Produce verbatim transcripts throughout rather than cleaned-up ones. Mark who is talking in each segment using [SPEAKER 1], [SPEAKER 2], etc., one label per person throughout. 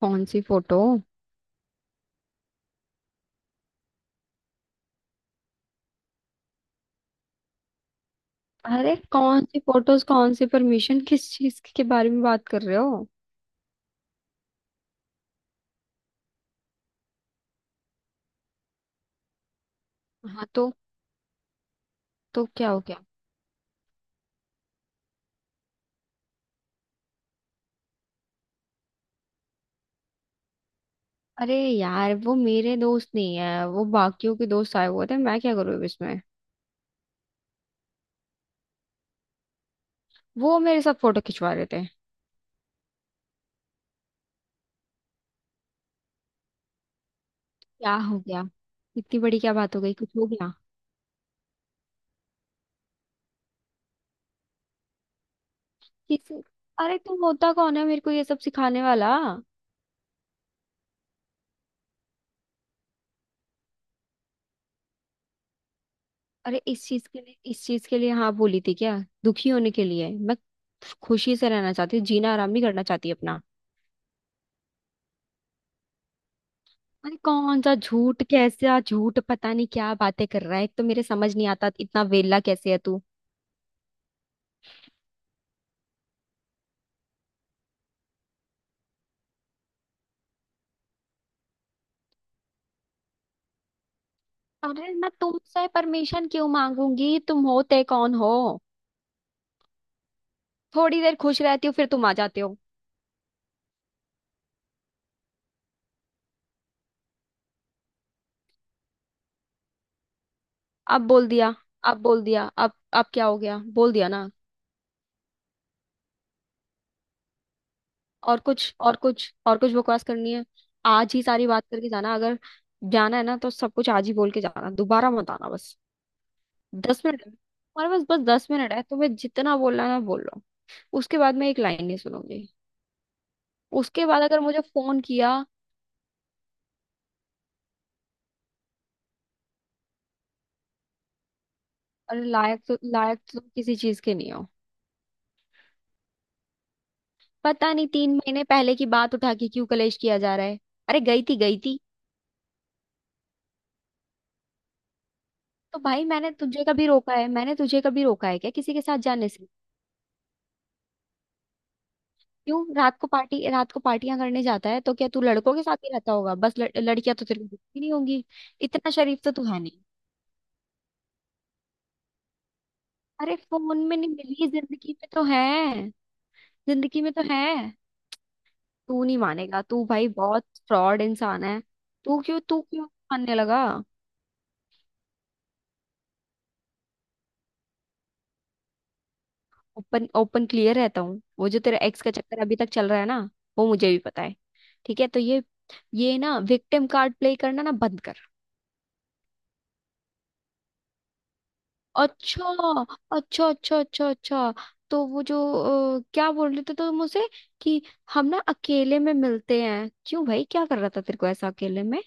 [SPEAKER 1] कौन सी फोटो? अरे, कौन सी फोटोज? कौन सी परमिशन? किस चीज के बारे में बात कर रहे हो? हाँ, तो? तो क्या हो गया? अरे यार, वो मेरे दोस्त नहीं है। वो बाकियों के दोस्त आए हुए थे, मैं क्या करूँ अब इसमें। वो मेरे साथ फोटो खिंचवा रहे थे। क्या हो गया? इतनी बड़ी क्या बात हो गई? कुछ हो गया? किसी अरे, तुम होता कौन है मेरे को ये सब सिखाने वाला? अरे, इस चीज के लिए, इस चीज के लिए हाँ बोली थी क्या? दुखी होने के लिए? मैं खुशी से रहना चाहती हूँ, जीना, आराम नहीं करना चाहती अपना। अरे, कौन सा झूठ, कैसा झूठ? पता नहीं क्या बातें कर रहा है। एक तो मेरे समझ नहीं आता इतना वेला कैसे है तू। अरे, मैं तुमसे परमिशन क्यों मांगूंगी? तुम होते कौन हो? थोड़ी देर खुश रहती हो, फिर तुम आ जाते हो। अब बोल दिया, अब बोल दिया, अब अब क्या हो गया? बोल दिया ना। और कुछ, और कुछ, और कुछ बकवास करनी है? आज ही सारी बात करके जाना। अगर जाना है ना, तो सब कुछ आज ही बोल के जाना। दोबारा मत आना, बस। दस मिनट है। तुम्हारे पास बस दस मिनट है, तुम्हें जितना बोलना है ना बोल लो। उसके बाद मैं एक लाइन नहीं सुनूंगी। उसके बाद अगर मुझे फोन किया। अरे, लायक तो लायक तो किसी चीज के नहीं हो। पता नहीं, तीन महीने पहले की बात उठा के क्यों कलेश किया जा रहा है। अरे गई थी, गई थी। तो भाई, मैंने तुझे कभी रोका है? मैंने तुझे कभी रोका है क्या किसी के साथ जाने से? क्यों, रात को पार्टी, रात को पार्टियां करने जाता है तो क्या तू लड़कों के साथ ही रहता होगा? बस लड़, लड़कियां तो तेरे को दिखती नहीं होंगी। इतना शरीफ तो तू है नहीं। अरे फोन में नहीं मिली, जिंदगी में तो है। जिंदगी में तो है। तू नहीं मानेगा तू, भाई बहुत फ्रॉड इंसान है। तू क्यों तू क्यों मानने लगा? ओपन, ओपन क्लियर रहता हूँ? वो जो तेरा एक्स का चक्कर अभी तक चल रहा है ना, वो मुझे भी पता है। ठीक है, तो ये ये ना विक्टिम कार्ड प्ले करना ना बंद कर। अच्छा, अच्छा, अच्छा, अच्छा, अच्छा। तो वो जो, अ, क्या बोल रहे थे तो मुझसे कि हम ना अकेले में मिलते हैं? क्यों भाई, क्या कर रहा था तेरे को ऐसा अकेले में?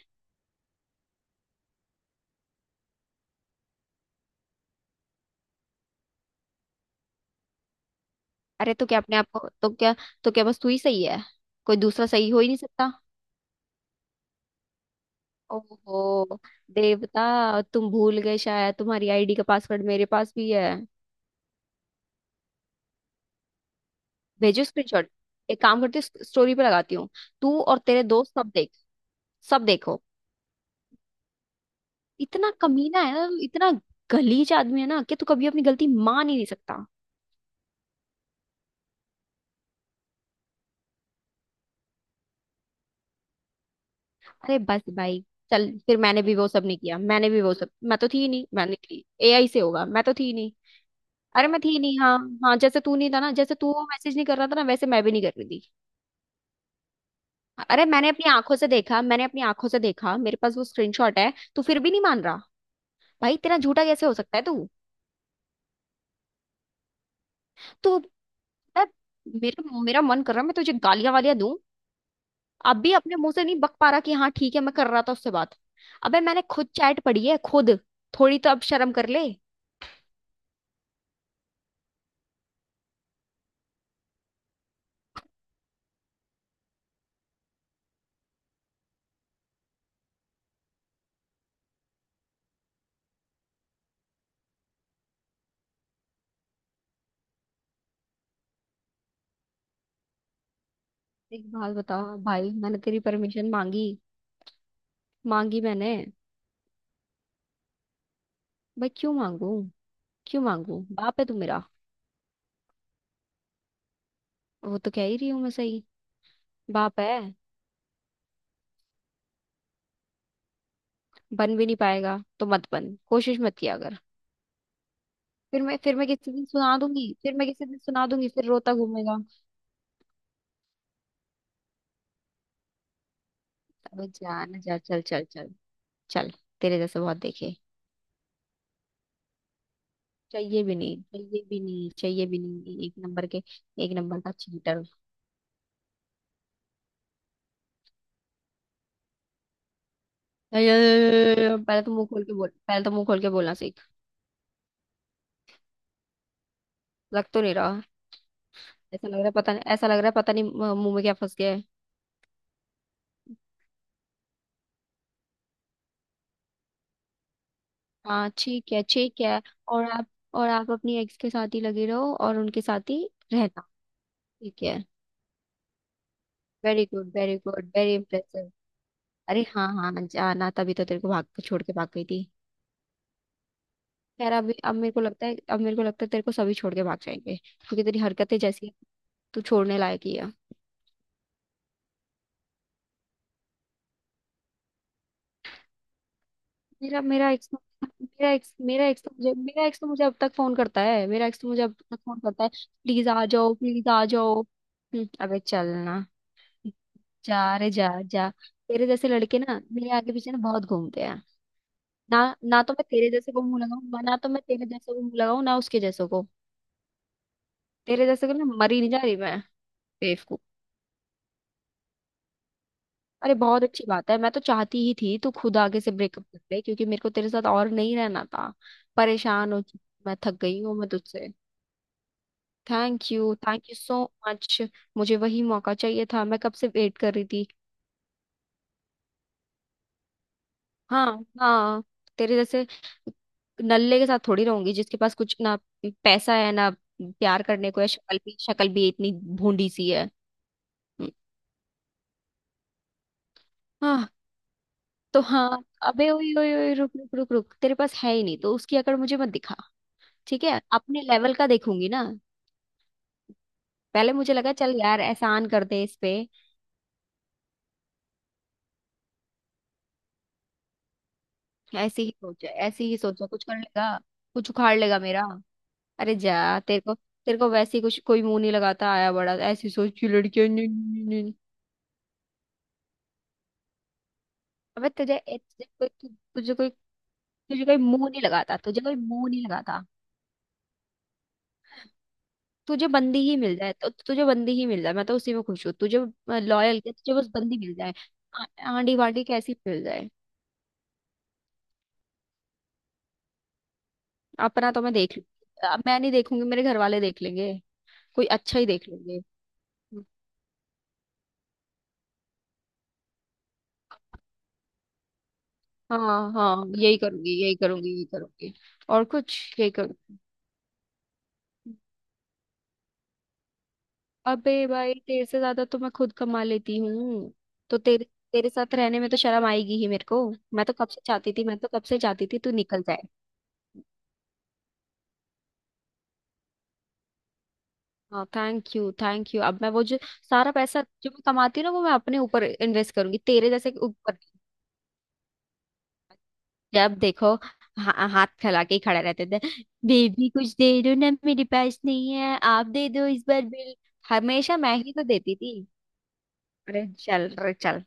[SPEAKER 1] अरे, तो क्या अपने आप को, तो क्या, तो क्या बस तू ही सही है? कोई दूसरा सही हो ही नहीं सकता? ओहो, देवता, तुम भूल गए शायद तुम्हारी आईडी का पासवर्ड मेरे पास भी है। भेजो स्क्रीनशॉट। एक काम करती हूँ, स्टोरी पे लगाती हूँ। तू और तेरे दोस्त सब देख। सब देखो। इतना कमीना है ना, इतना गलीज आदमी है ना, कि तू कभी अपनी गलती मान ही नहीं सकता। अरे बस भाई। चल, फिर मैंने भी वो सब नहीं किया, मैंने भी वो सब, मैं तो थी ही नहीं, मैंने की। एआई से होगा, मैं तो थी ही नहीं। अरे, मैं थी ही नहीं, हाँ। हाँ, जैसे तू नहीं था ना, जैसे तू वो मैसेज नहीं कर रहा था ना, वैसे मैं भी नहीं कर रही थी। अरे, मैंने अपनी आंखों से देखा, मैंने अपनी आंखों से देखा, मेरे पास वो स्क्रीनशॉट है, तू फिर भी नहीं मान रहा। भाई, तेरा झूठा कैसे हो सकता है तू तू? यार, मेरा मेरा मन कर रहा है मैं तुझे गालियां वालियां दूं। अब भी अपने मुंह से नहीं बक पा रहा कि हाँ ठीक है मैं कर रहा था उससे बात। अबे, मैंने खुद चैट पढ़ी है, खुद। थोड़ी तो अब शर्म कर ले। एक बात बता, भाई मैंने तेरी परमिशन मांगी? मांगी मैंने? भाई क्यों मांगू? क्यों मांगू, बाप है तू मेरा? वो तो कह ही रही हूं मैं, सही। बाप है। बन भी नहीं पाएगा तो मत बन, कोशिश मत किया अगर। फिर मैं फिर मैं किसी दिन सुना दूंगी, फिर मैं किसी दिन सुना दूंगी, फिर रोता घूमेगा। अबे जान जा, चल, चल, चल, चल। तेरे जैसे बहुत देखे। चाहिए भी नहीं, चाहिए भी नहीं, चाहिए भी नहीं, एक नंबर के। एक नंबर का चीटर। पहले तो मुंह खोल के बोल, पहले तो मुंह खोल के बोलना सीख। लग तो नहीं रहा। ऐसा लग रहा है, पता नहीं, ऐसा लग रहा है, पता नहीं, अ, मुंह में क्या फंस गया है। हाँ ठीक है, ठीक है। और आप, और आप अपनी एक्स के साथ ही लगे रहो और उनके साथ ही रहना। ठीक है। Very good, very good, very impressive. अरे हाँ, हाँ, जाना तभी तो तेरे को भाग छोड़ के भाग गई थी। खैर अभी, अब मेरे को लगता है, अब मेरे को लगता है तेरे को सभी छोड़ के भाग जाएंगे, क्योंकि तेरी हरकतें जैसी हैं, तू छोड़ने लायक ही है। मेरा मेरा एक्स मेरा एक्स मेरा एक्स तो मुझे मेरा एक्स तो मुझे अब तक फोन करता है, मेरा एक्स तो मुझे अब तक फोन करता है, प्लीज आ जाओ, प्लीज आ जाओ। हम्म, अबे चलना। जा रे, जा, जा। तेरे जैसे लड़के ना मेरे आगे पीछे ना बहुत घूमते हैं। ना ना तो मैं तेरे जैसे को मुंह लगाऊं ना, तो मैं तेरे जैसे को मुंह लगाऊं ना उसके जैसे को। तेरे जैसे को ना मरी नहीं जा रही मैं। बेवकूफ। अरे बहुत अच्छी बात है, मैं तो चाहती ही थी तू खुद आगे से ब्रेकअप कर ले, क्योंकि मेरे को तेरे साथ और नहीं रहना था। परेशान हो चुकी। मैं थक गई हूँ मैं तुझसे। Thank you, thank you so much. मुझे वही मौका चाहिए था, मैं कब से वेट कर रही थी। हाँ, हाँ। तेरे जैसे नल्ले के साथ थोड़ी रहूंगी, जिसके पास कुछ ना पैसा है ना प्यार करने को है, शक्ल भी, शक्ल भी इतनी भूंडी सी है। हम्म, हाँ, तो हाँ। अबे, ओए, ओए, ओए, रुक, रुक, रुक, रुक। तेरे पास है ही नहीं तो उसकी अकड़ मुझे मत दिखा। ठीक है, अपने लेवल का देखूंगी ना। पहले मुझे लगा, चल यार एहसान कर दे इस पे। ऐसी ही सोचा, ऐसी ही सोचा कुछ कर लेगा, कुछ उखाड़ लेगा मेरा। अरे जा, तेरे को तेरे को वैसे ही कुछ कोई मुंह नहीं लगाता। आया बड़ा ऐसी सोच की लड़की है, नहीं, नहीं, नहीं, नहीं। अबे तुझे ए- तुझे कोई तु- तुझे कोई तुझे कोई मुंह नहीं लगाता, तुझे कोई मुंह नहीं लगाता। तुझे बंदी ही मिल जाए, तो तुझे बंदी ही मिल जाए, मैं तो उसी में खुश हूँ। तुझे लॉयल, तुझे बस बंदी मिल जाए। आ- आंडी वांडी कैसी मिल जाए। अपना तो मैं देख लूंगी। अ, मैं नहीं देखूंगी, मेरे घर वाले देख लेंगे। कोई अच्छा ही देख लेंगे। हाँ, हाँ, यही करूंगी, यही करूंगी, यही करूंगी। और कुछ, यही करूंगी। अबे भाई, तेरे से ज्यादा तो मैं खुद कमा लेती हूँ। तो तेरे तेरे साथ रहने में तो शर्म आएगी ही मेरे को। मैं तो कब से चाहती थी, मैं तो कब से चाहती थी तू निकल जाए। हाँ, थैंक यू, थैंक यू। अब मैं वो जो सारा पैसा जो मैं कमाती हूँ ना, वो मैं अपने ऊपर इन्वेस्ट करूंगी, तेरे जैसे के ऊपर। जब देखो हा, हाथ फैला के ही खड़े रहते थे, बेबी कुछ दे दो ना, मेरे पास नहीं है, आप दे दो इस बार बिल। हमेशा मैं ही तो देती थी। अरे चल रे, चल।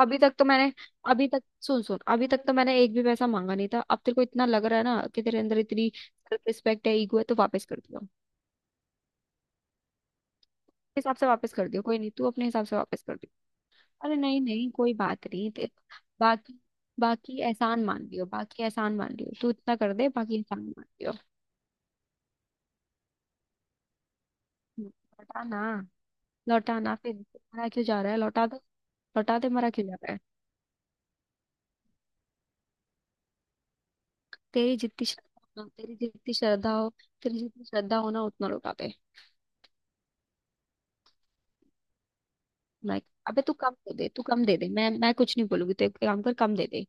[SPEAKER 1] अभी तक तो मैंने अभी तक सुन, सुन, अभी तक तो मैंने एक भी पैसा मांगा नहीं था। अब तेरे को इतना लग रहा है ना कि तेरे अंदर इतनी सेल्फ रिस्पेक्ट है, ईगो है, तो वापस कर दियो, अपने हिसाब से वापस कर दियो। कोई नहीं, तू अपने हिसाब से वापस कर दियो। अरे नहीं, नहीं, कोई बात नहीं, ते- बाकी बाकी एहसान मान लियो, बाकी एहसान मान लियो, तू इतना कर दे, बाकी एहसान मान लियो। लौटाना? लौटाना फिर, मरा क्यों जा रहा है? लौटा दो, लौटा दे, मरा क्यों जा रहा है? तेरी जितनी श्रद्धा हो, तेरी जितनी श्रद्धा हो, तेरी जितनी श्रद्धा हो ना उतना लौटा दे। लाइक, अबे तू कम दे दे, तू कम दे दे, मैं मैं कुछ नहीं बोलूंगी, तो एक काम कर, कम दे दे।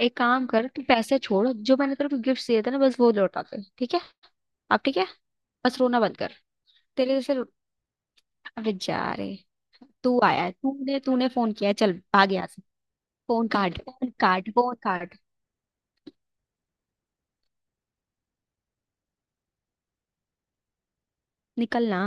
[SPEAKER 1] एक काम कर, तू पैसे छोड़, जो मैंने तेरे को गिफ्ट दिए थे ना बस वो लौटा दे। ठीक है। अब ठीक है। बस रोना बंद कर। तेरे जैसे रो- अबे, जा रे। तू आया है, तूने तूने फोन किया है, चल भाग यहाँ से। फोन काट, फोन काट, फोन काट। निकलना।